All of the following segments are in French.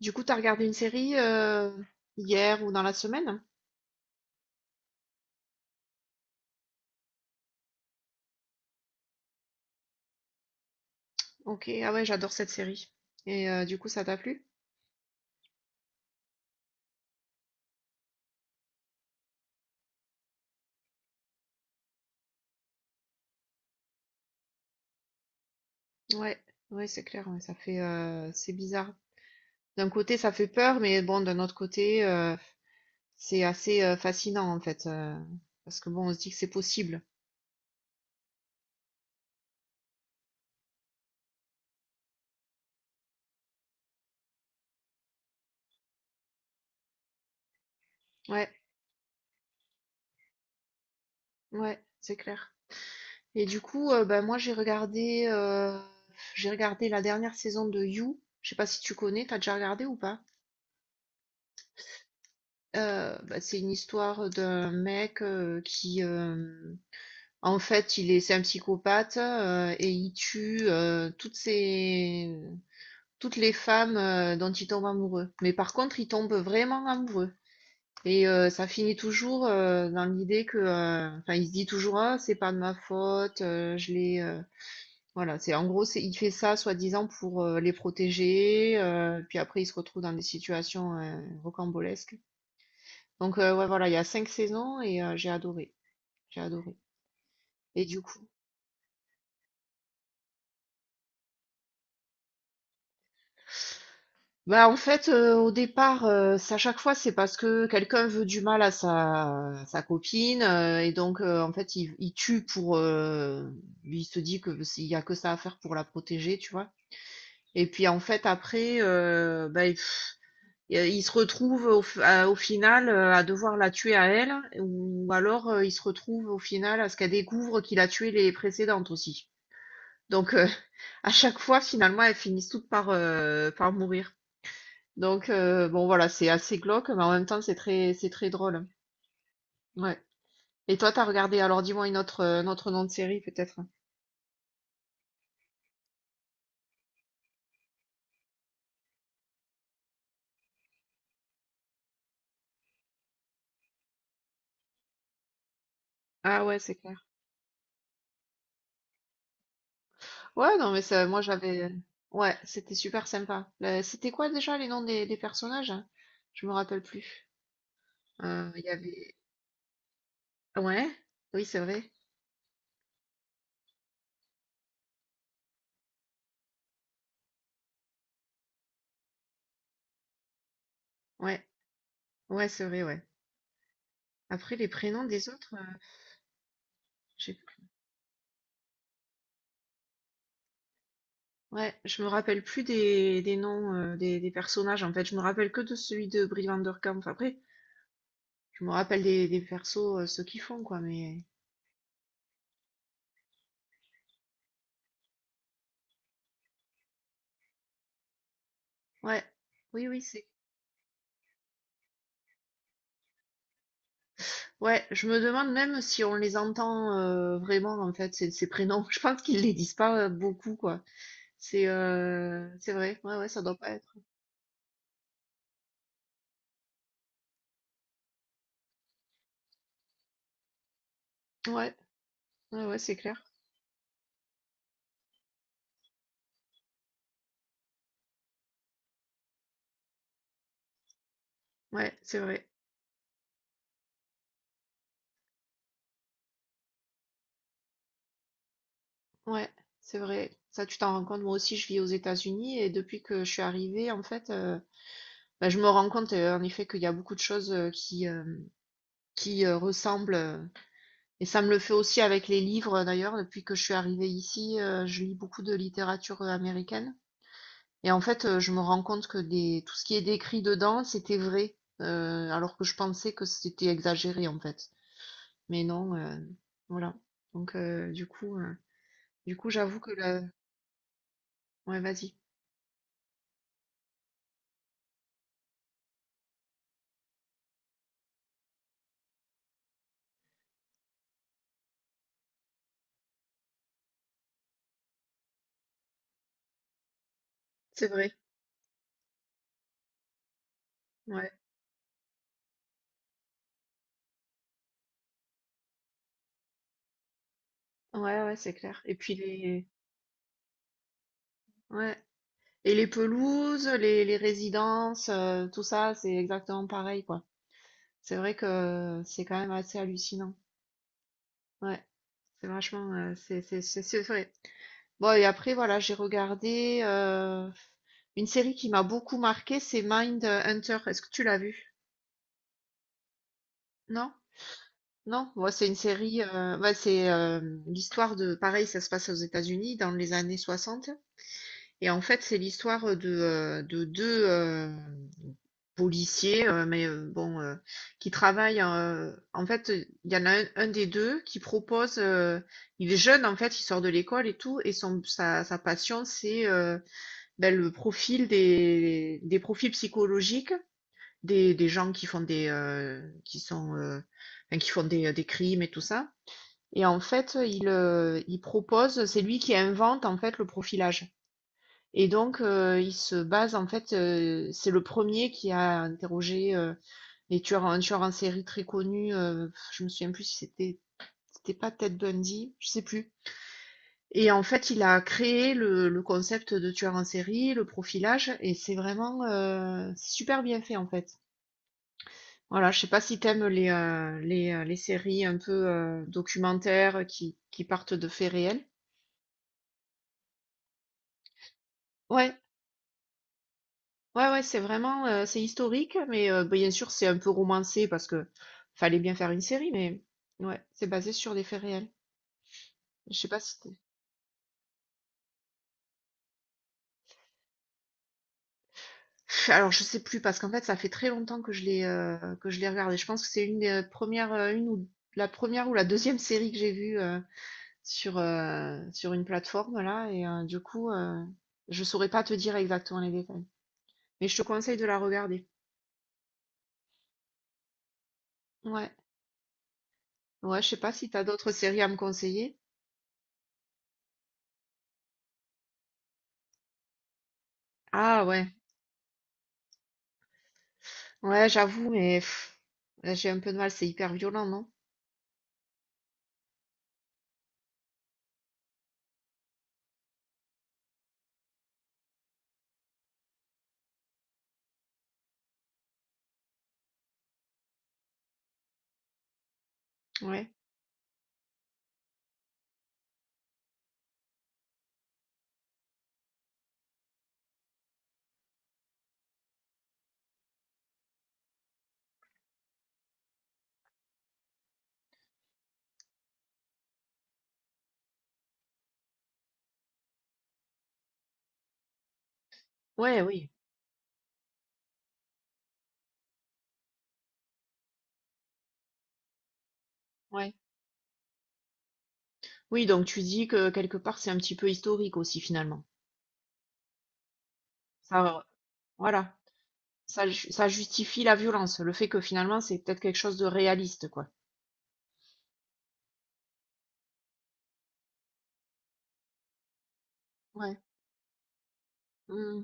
Du coup, t'as regardé une série hier ou dans la semaine? Ok, ah ouais, j'adore cette série. Et du coup, ça t'a plu? Ouais, ouais, c'est clair, ouais, ça fait, c'est bizarre. D'un côté, ça fait peur, mais bon, d'un autre côté, c'est assez fascinant en fait, parce que bon, on se dit que c'est possible. Ouais, ouais, c'est clair. Et du coup, ben moi, j'ai regardé la dernière saison de You. Je sais pas si tu connais, t'as déjà regardé ou pas? Bah, c'est une histoire d'un mec, en fait, il est c'est un psychopathe, et il tue, toutes les femmes, dont il tombe amoureux. Mais par contre, il tombe vraiment amoureux et ça finit toujours, dans l'idée que, enfin, il se dit toujours: «Ah, c'est pas de ma faute, je l'ai,» voilà, c'est en gros, c'est il fait ça soi-disant pour, les protéger, puis après il se retrouve dans des situations, rocambolesques. Donc ouais, voilà, il y a cinq saisons et j'ai adoré, j'ai adoré. Et du coup, bah en fait, au départ, c'est à chaque fois, c'est parce que quelqu'un veut du mal à sa copine et donc en fait, il tue pour, lui, il se dit que s'il y a que ça à faire pour la protéger, tu vois. Et puis en fait, après, bah, il se retrouve au final à devoir la tuer à elle, ou alors il se retrouve au final à ce qu'elle découvre qu'il a tué les précédentes aussi. Donc, à chaque fois, finalement, elles finissent toutes par, par mourir. Donc bon voilà, c'est assez glauque, mais en même temps, c'est très drôle. Ouais. Et toi, t'as regardé, alors dis-moi une autre, un autre nom de série peut-être? Ah ouais, c'est clair. Ouais, non, mais ça, moi j'avais, ouais, c'était super sympa. Le C'était quoi déjà les noms des personnages? Je me rappelle plus. Il y avait, ouais, oui, c'est vrai. Ouais, ouais, c'est vrai, ouais. Après les prénoms des autres, j'ai, ouais, je me rappelle plus des noms des personnages en fait. Je me rappelle que de celui de Brie Van Der Kamp. Après, je me rappelle des persos, ceux qui font quoi. Mais ouais, oui, oui, c'est. Ouais, je me demande même si on les entend vraiment en fait ces, ces prénoms. Je pense qu'ils les disent pas beaucoup quoi. C'est vrai. Ouais, ouais, ça doit pas être. Ouais, ouais, ouais, c'est clair. Ouais, c'est vrai. Ouais, c'est vrai. Ça, tu t'en rends compte. Moi aussi, je vis aux États-Unis et depuis que je suis arrivée en fait. Bah, je me rends compte, en effet, qu'il y a beaucoup de choses, ressemblent, et ça me le fait aussi avec les livres, d'ailleurs, depuis que je suis arrivée ici, je lis beaucoup de littérature, américaine et en fait, je me rends compte que des tout ce qui est décrit dedans, c'était vrai, alors que je pensais que c'était exagéré, en fait. Mais non, voilà. Donc du coup, j'avoue que le ouais, vas-y. C'est vrai, ouais. Ouais, ouais, c'est clair et puis les ouais. Et les pelouses, les résidences, tout ça, c'est exactement pareil, quoi. C'est vrai que c'est quand même assez hallucinant. Ouais, c'est vachement, c'est vrai. Bon, et après, voilà, j'ai regardé une série qui m'a beaucoup marqué, c'est Mindhunter. Est-ce que tu l'as vue? Non? Non? Ouais, c'est une série, ouais, c'est l'histoire de, pareil, ça se passe aux États-Unis dans les années 60. Et en fait, c'est l'histoire de 2 policiers, qui travaillent, en fait, il y en a un des 2 qui propose, il est jeune, en fait, il sort de l'école et tout et son sa sa passion, c'est, bah, le profil des profils psychologiques des gens qui font des, qui sont, enfin, qui font des crimes et tout ça, et en fait, il propose c'est lui qui invente, en fait, le profilage. Et donc, il se base en fait, c'est le premier qui a interrogé, les tueurs en un tueur en série très connu, je me souviens plus si c'était, c'était pas Ted Bundy, je sais plus. Et en fait, il a créé le concept de tueur en série, le profilage et c'est vraiment, super bien fait en fait. Voilà, je sais pas si t'aimes les, les séries un peu, documentaires qui partent de faits réels? Ouais. Ouais, ouais, c'est vraiment, c'est historique, mais bien sûr, c'est un peu romancé parce que fallait bien faire une série, mais ouais, c'est basé sur des faits réels. Je sais pas si tu, alors je sais plus parce qu'en fait, ça fait très longtemps que que je l'ai regardé. Je pense que c'est une des premières, une ou la première ou la deuxième série que j'ai vue, sur, sur une plateforme là et du coup, je saurais pas te dire exactement les détails, mais je te conseille de la regarder. Ouais, ouais, je sais pas si t'as d'autres séries à me conseiller? Ah ouais. Ouais, j'avoue, mais pff, là, j'ai un peu de mal, c'est hyper violent, non? Ouais. Ouais, oui, ouais. Oui, donc tu dis que quelque part, c'est un petit peu historique aussi, finalement. Ça, euh, voilà, ça, ça justifie la violence, le fait que finalement, c'est peut-être quelque chose de réaliste, quoi. Ouais. Hmm.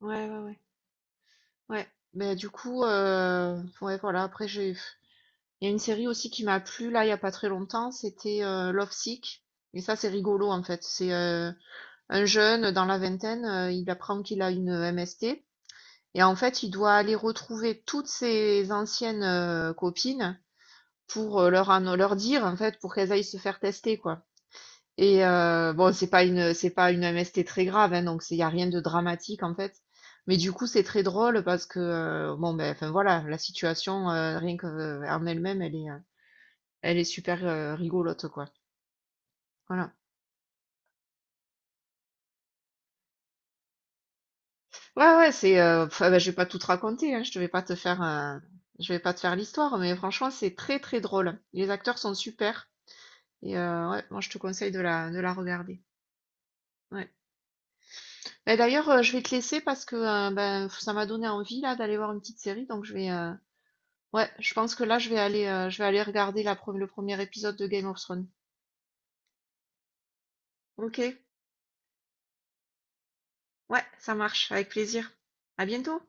Ouais, ouais, ouais. Ouais. Mais du coup, ouais, voilà, après, j'ai... Il y a une série aussi qui m'a plu, là, il y a pas très longtemps, c'était Love Sick. Et ça, c'est rigolo, en fait. C'est un jeune dans la vingtaine, il apprend qu'il a une MST. Et en fait, il doit aller retrouver toutes ses anciennes copines pour leur dire, en fait, pour qu'elles aillent se faire tester, quoi. Et bon, c'est pas une MST très grave, hein, donc il y a rien de dramatique, en fait. Mais du coup, c'est très drôle parce que, bon, ben, enfin voilà, la situation, rien que, en elle-même, elle est super rigolote, quoi. Voilà. Ouais, ouais, c'est, pff, ben, je vais pas tout te raconter, hein, je vais pas te faire l'histoire, mais franchement, c'est très, très drôle. Les acteurs sont super. Et ouais, moi je te conseille de la regarder. Ouais. Bah, d'ailleurs, je vais te laisser parce que, ben, ça m'a donné envie là d'aller voir une petite série, donc je vais, ouais, je pense que là je vais aller regarder la pre le premier épisode de Game of Thrones. OK, ouais, ça marche, avec plaisir. À bientôt.